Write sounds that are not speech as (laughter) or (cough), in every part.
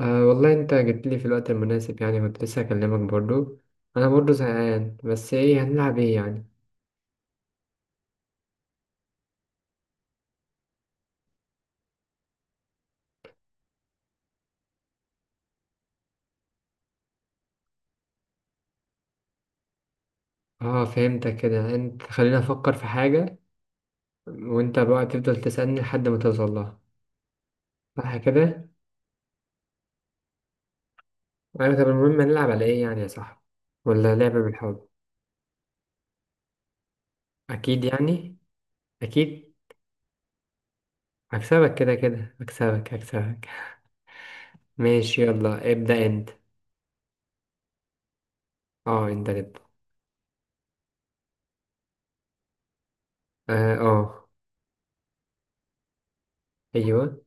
أه والله انت جيت لي في الوقت المناسب يعني كنت لسه هكلمك برضو. انا برضو زهقان، بس ايه هنلعب ايه يعني؟ اه فهمتك كده، انت خلينا افكر في حاجة وانت بقى تفضل تسألني لحد ما توصل لها، صح كده؟ ايوه طب المهم هنلعب على ايه يعني يا صاحبي، ولا لعبة بالحب؟ اكيد يعني، اكيد. هكسبك كده كده، هكسبك هكسبك. (laughs) ماشي، يلا ابدأ انت. اه انت اللي ابدأ. اه اه. ايوه.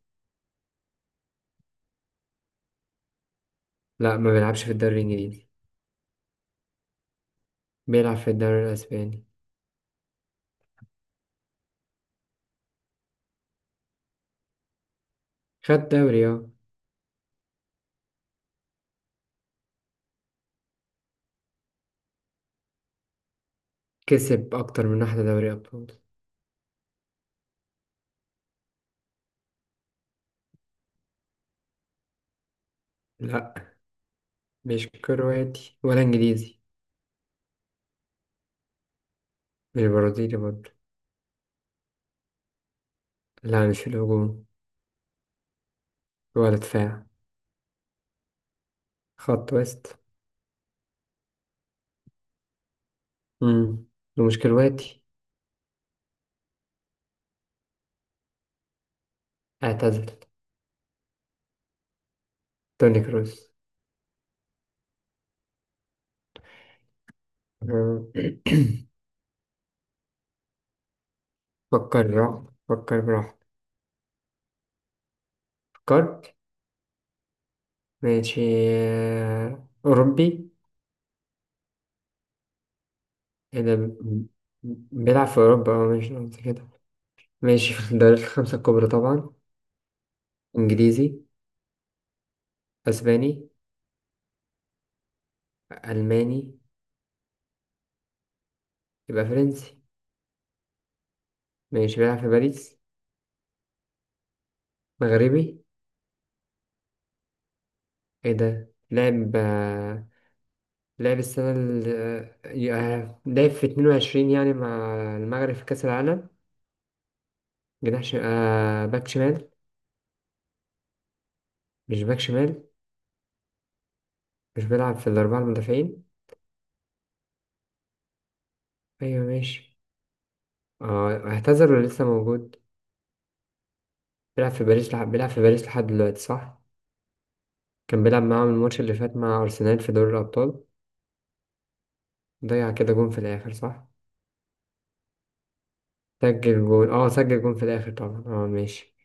لا، ما بيلعبش في الدوري الانجليزي. بيلعب في الدوري الاسباني. خد دوري اه. كسب أكتر من واحدة دوري أبطال. لأ. مش كرواتي ولا إنجليزي. مش برازيلي برضه. لا مش في الهجوم. ولا دفاع. خط وسط. مم. ومش كرواتي. اعتزل. توني كروس. آه. (clears throat) فكر براحتك، فكر براحتك. فكرت. ماشي. أوروبي. إيه ده ب- بيلعب في أوروبا اه، ماشي قصدي كده. ماشي في الدوريات الخمسة الكبرى طبعا. إنجليزي. أسباني. ألماني. يبقى فرنسي. ماشي، بيلعب في باريس. مغربي. ايه ده، لعب لعب السنة ال آه، آه، لعب في 22 يعني مع المغرب في كأس العالم. جناح ش... آه باك شمال. مش باك شمال. مش بيلعب في الأربعة المدافعين. أيوة ماشي. آه، اعتذر ولا لسه موجود؟ بيلعب في باريس لحد دلوقتي، صح؟ كان بيلعب معاهم الماتش اللي فات مع أرسنال في دوري الأبطال. ضيع كده جون في الآخر، صح؟ سجل جون اه، سجل جون في الآخر طبعا اه، ماشي.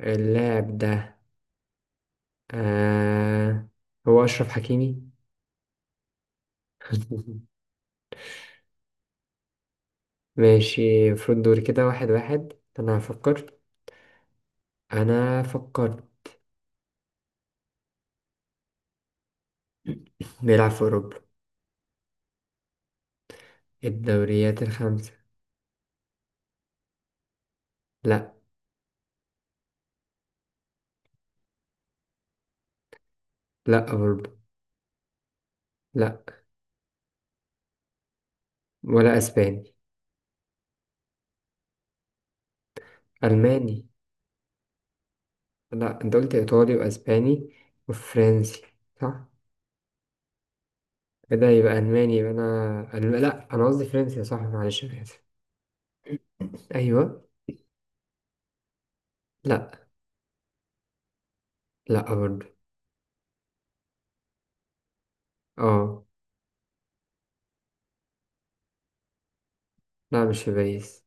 اللاعب ده آه، هو أشرف حكيمي. (laughs) ماشي، المفروض دوري كده واحد واحد. أنا هفكر. أنا فكرت. بيلعب في أوروبا. الدوريات الخمسة. لأ. لأ أوروبا. لأ. ولا أسباني. ألماني. لأ، أنت قلت إيطالي وأسباني وفرنسي، صح؟ إيه ده، يبقى ألماني، لأ أنا قصدي فرنسي، صح؟ معلش أنا آسف. أيوه. لأ. لأ برضه. أه. لأ، مش في باريس.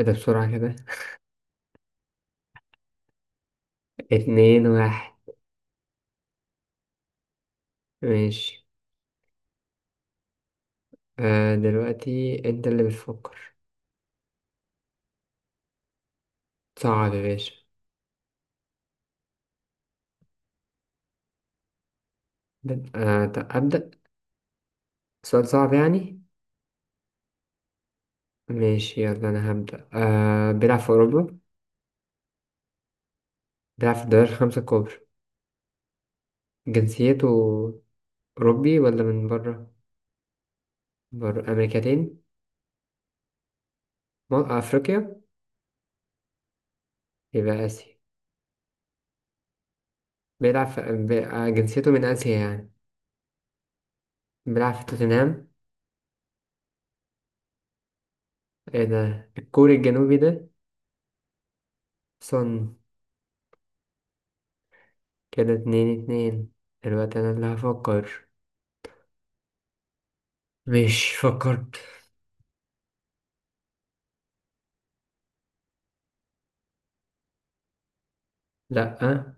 إيه ده بسرعة كده. (laughs) اتنين واحد. ماشي. آه دلوقتي انت اللي بتفكر. صعب يا باشا. طب أبدأ. سؤال صعب يعني. ماشي يلا أنا هبدأ. آه، بيلعب في أوروبا. بيلعب في الدوري الخمسة الكبرى. جنسيته أوروبي ولا من بره؟ بره أمريكتين. أفريقيا. يبقى آسيا. بيلعب في جنسيته من آسيا يعني. بيلعب في توتنهام. ايه ده، الكوري الجنوبي ده. صن. كده اتنين اتنين. دلوقتي أنا اللي هفكر. مش فكرت. لأ،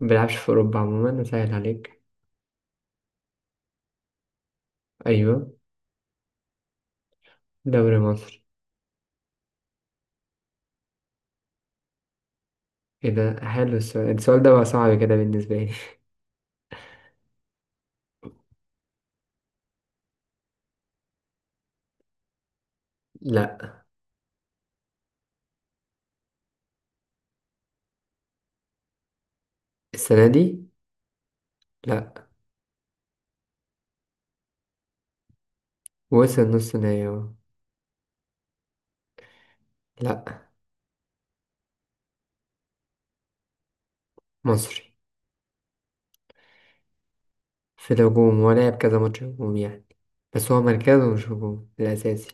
ما بيلعبش في أوروبا عموما، أسهل عليك. أيوة. دوري مصر. إيه ده حلو السؤال، السؤال ده بقى صعب كده بالنسبة لي. (laughs) لأ. السنة دي. لأ. وصل نص نهائي أهو. لأ. مصري. في الهجوم. هو لعب كذا ماتش هجوم يعني، بس هو مركزه مش هجوم الأساسي.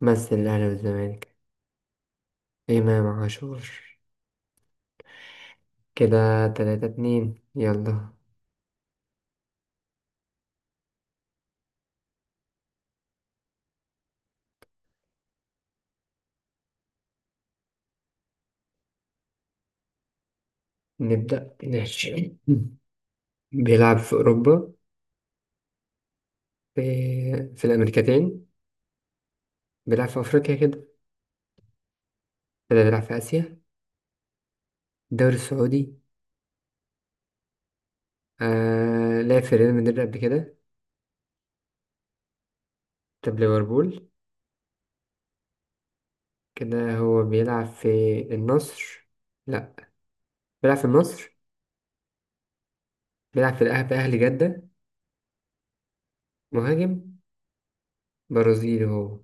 مثل الأهلي والزمالك. إمام عاشور. كده تلاتة اتنين، يلا. نبدأ ماشي. (clears throat) بيلعب في أوروبا. في, في الأمريكتين. بيلعب في أفريقيا كده. كده بيلعب في آسيا. الدوري السعودي. آه لعب في ريال مدريد قبل كده. طب ليفربول. كده هو بيلعب في النصر. لا. بيلعب في النصر. بيلعب في الأهلي، أهلي جدة. مهاجم. برازيلي هو.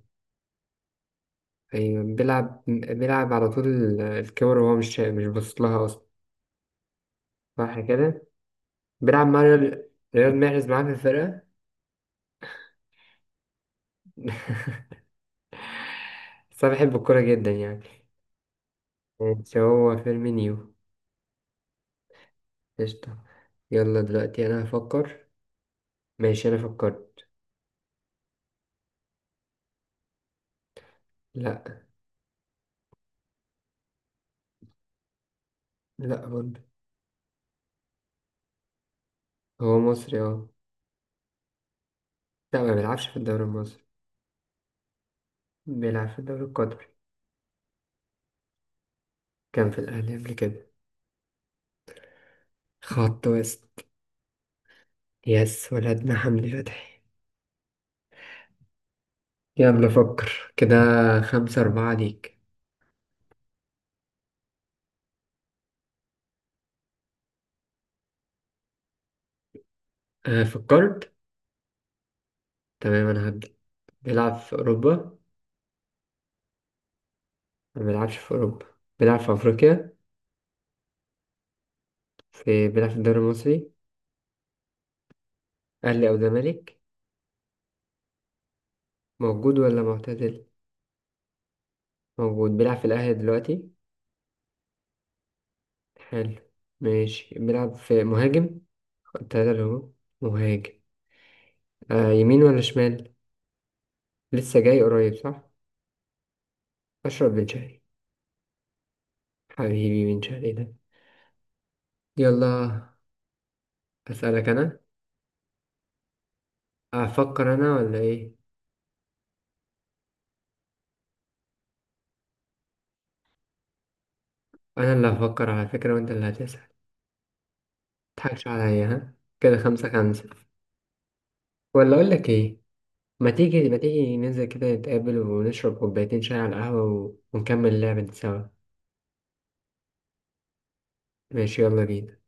أيوة، بيلعب على طول الكاميرا وهو مش باصص لها أصلا، صح كده. بيلعب مع ريال، رياض محرز معاه في الفرقة. (laughs) بس أنا بحب الكورة جدا يعني. ماشي، هو فيرمينيو. قشطة. يلا دلوقتي أنا هفكر. ماشي أنا فكرت. لا. لا برضه. هو مصري اه. لا، ما بيلعبش في الدوري المصري. بيلعب في الدوري القطري. كان في الأهلي قبل كده. خط وسط. يس، ولدنا حمدي فتحي. يلا فكر كده، خمسة أربعة ليك. آه فكرت. تمام أنا هبدأ. بيلعب في أوروبا. ما بيلعبش في أوروبا. بيلعب في أفريقيا. بيلعب في الدوري المصري. أهلي أو زمالك. موجود ولا معتزل. موجود. بيلعب في الأهلي دلوقتي. حلو. ماشي بيلعب في مهاجم. التلاتة اللي هو مهاجم. آه يمين ولا شمال. لسه جاي قريب، صح. اشرب من شهري. حبيبي من شهري ده. يلا. اسالك انا. افكر انا ولا ايه؟ انا اللي هفكر على فكره، وانت اللي هتسال. متضحكش عليا ها. كده خمسة خمسة. ولا اقول لك ايه، ما تيجي ننزل كده نتقابل ونشرب كوبايتين شاي على القهوه ونكمل اللعبه دي سوا. ماشي يلا بينا.